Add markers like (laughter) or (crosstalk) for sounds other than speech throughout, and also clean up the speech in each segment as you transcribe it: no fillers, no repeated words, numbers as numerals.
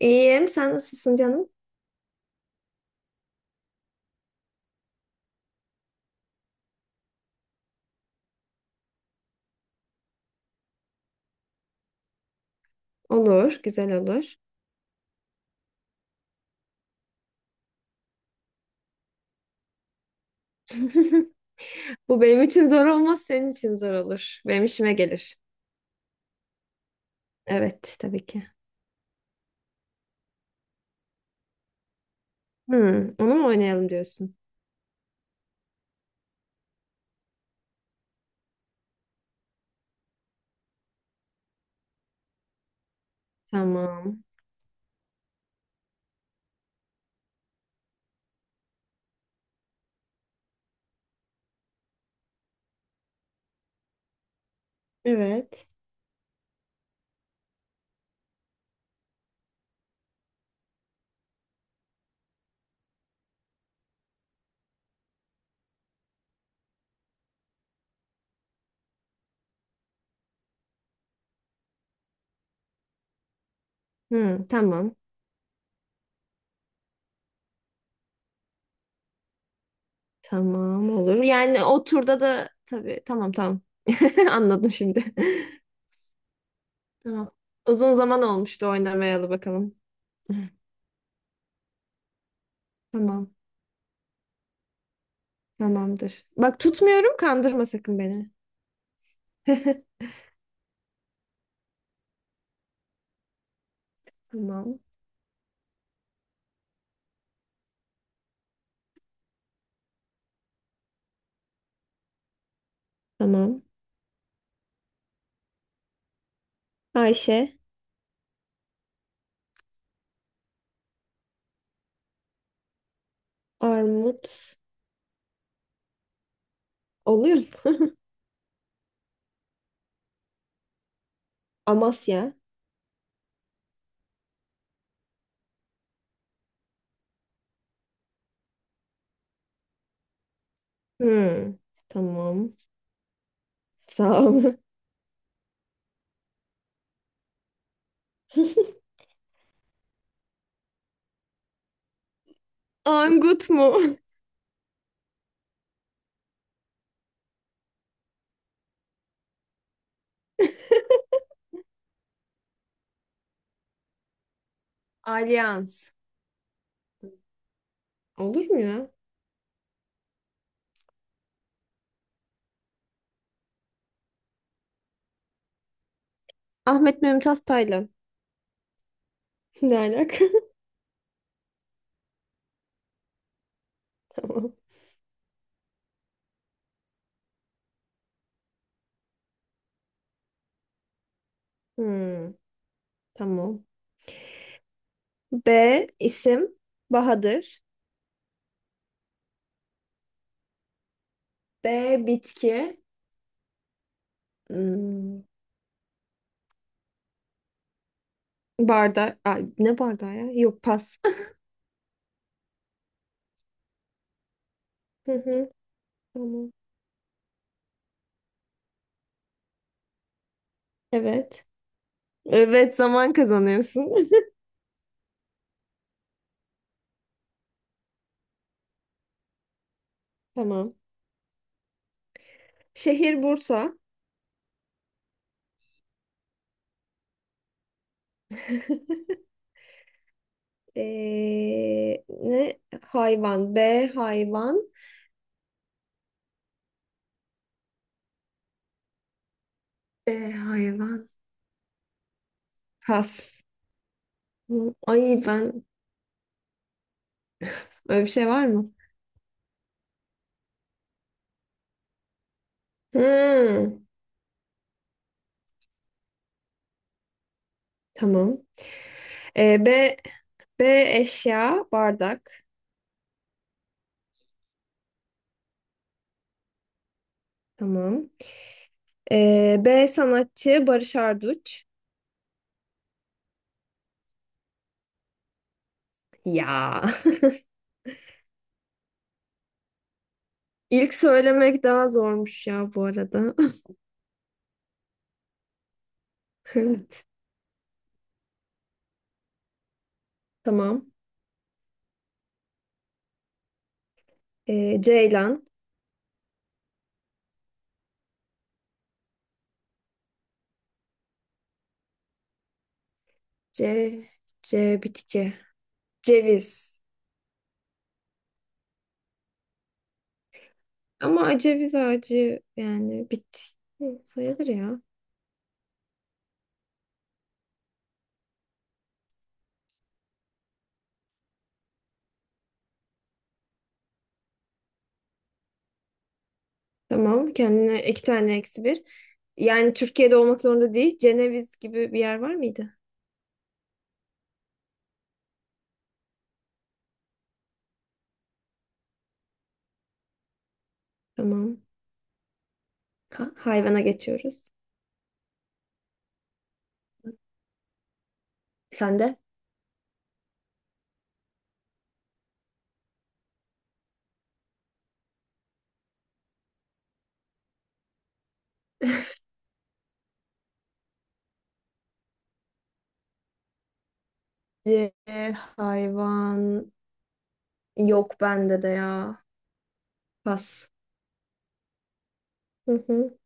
İyiyim. Sen nasılsın canım? Olur, güzel olur. (laughs) Bu benim için zor olmaz, senin için zor olur. Benim işime gelir. Evet, tabii ki. Hı, onu mu oynayalım diyorsun? Tamam. Evet. Hı, tamam. Tamam olur. Yani o turda da tabii, tamam. (laughs) Anladım şimdi. Tamam. Uzun zaman olmuştu oynamayalı bakalım. (laughs) Tamam. Tamamdır. Bak tutmuyorum, kandırma sakın beni. (laughs) Tamam. Tamam. Ayşe. Armut. Oluyor mu? (laughs) Amasya. Hmm, tamam. Sağ ol. (laughs) Angut mu? (laughs) Alyans. Olur mu ya? Ahmet Mümtaz Taylan. (laughs) Ne alaka? (laughs) Tamam. Hmm, tamam. B isim Bahadır. B. Bitki. Hmm, barda Ay, ne bardağı ya? Yok, pas. (laughs) Hı hı, tamam. Evet. Evet, zaman kazanıyorsun. (laughs) Tamam. Şehir Bursa. (laughs) Ne? Hayvan. B hayvan. E, hayvan. Kas. Hı, Ay ben öyle bir şey var mı? Hı, tamam. Ee, B B eşya bardak. Tamam. B sanatçı Barış Arduç. Ya. (laughs) İlk söylemek daha zormuş ya bu arada. (laughs) Evet. Tamam. Ceylan. C. C bitki. Ceviz. Ama aceviz ağacı, yani bit sayılır ya. Tamam, kendine iki tane eksi bir. Yani Türkiye'de olmak zorunda değil. Ceneviz gibi bir yer var mıydı? Tamam. Ha, hayvana geçiyoruz. Sen de? Hayvan yok bende de ya. Pas. Hı hı.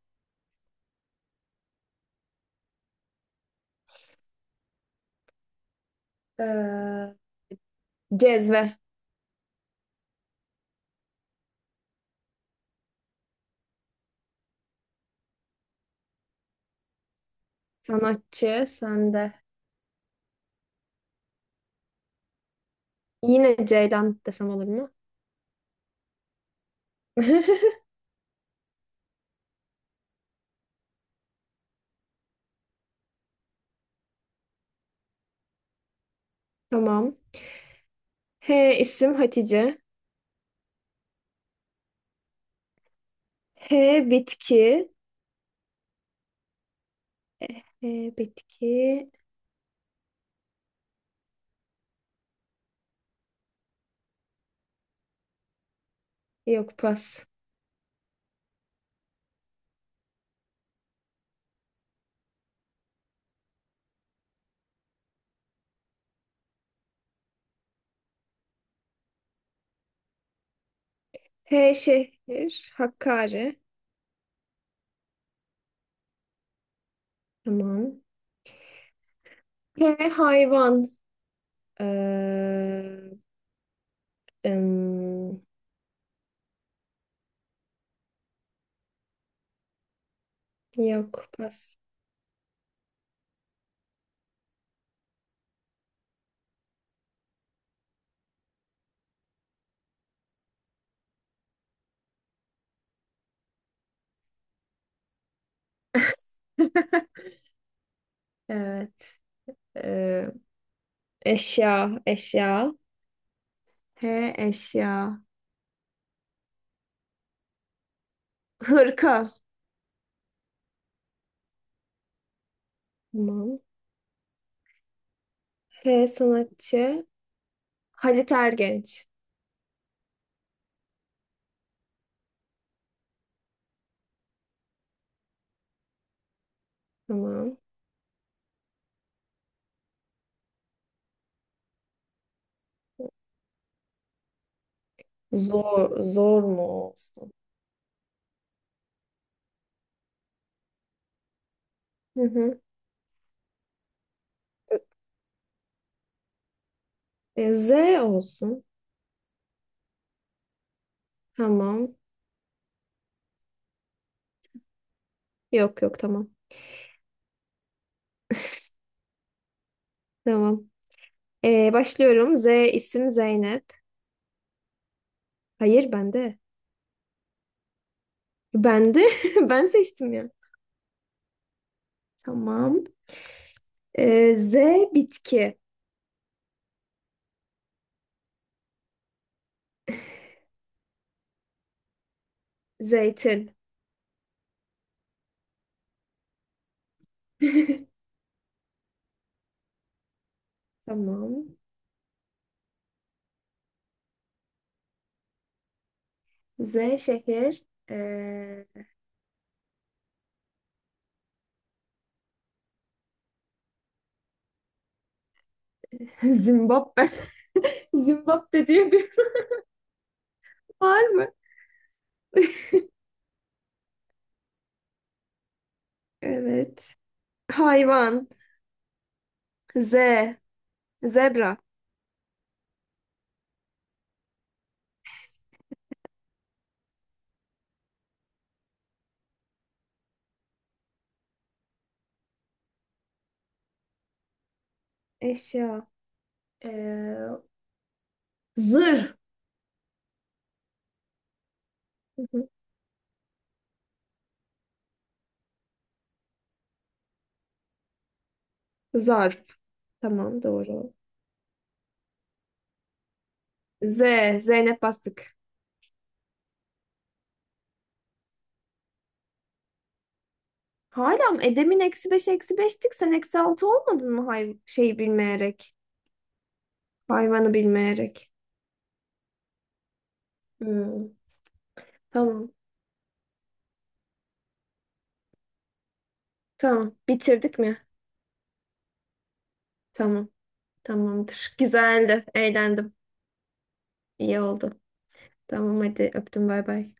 Ee, cezve. Sanatçı sende. Yine Ceylan desem olur mu? (laughs) Tamam. H isim Hatice. H bitki. E, bitki. Yok, pas. H şehir. Hakkari. Tamam. H hayvan. Ee, em, yok, pas. (laughs) Evet. Ee, eşya. Eşya. H eşya. Hırka. Tamam. H sanatçı. Halit Ergenç. Tamam. Zor, zor mu olsun? Hı hı. E, Z olsun. Tamam. Yok yok, tamam. (laughs) Tamam. Başlıyorum. Z isim Zeynep. Hayır, bende. Bende. (laughs) Ben seçtim ya. Tamam. Z bitki. Zeytin. (laughs) Tamam. Z şehir. Ee, (laughs) Zimbabwe. (laughs) Zimbabwe diye bir (laughs) var mı? (laughs) Evet. Hayvan. Z. Zebra. Eşya. Ee, zırh. (laughs) Zarf. Tamam, doğru. Z. Zeynep bastık. Hala mı? E, demin eksi beş eksi beştik. Sen eksi altı olmadın mı hay şeyi bilmeyerek? Hayvanı bilmeyerek. Hmm, tamam. Tamam. Bitirdik mi? Tamam. Tamamdır. Güzeldi. Eğlendim. İyi oldu. Tamam, hadi öptüm, bay bay.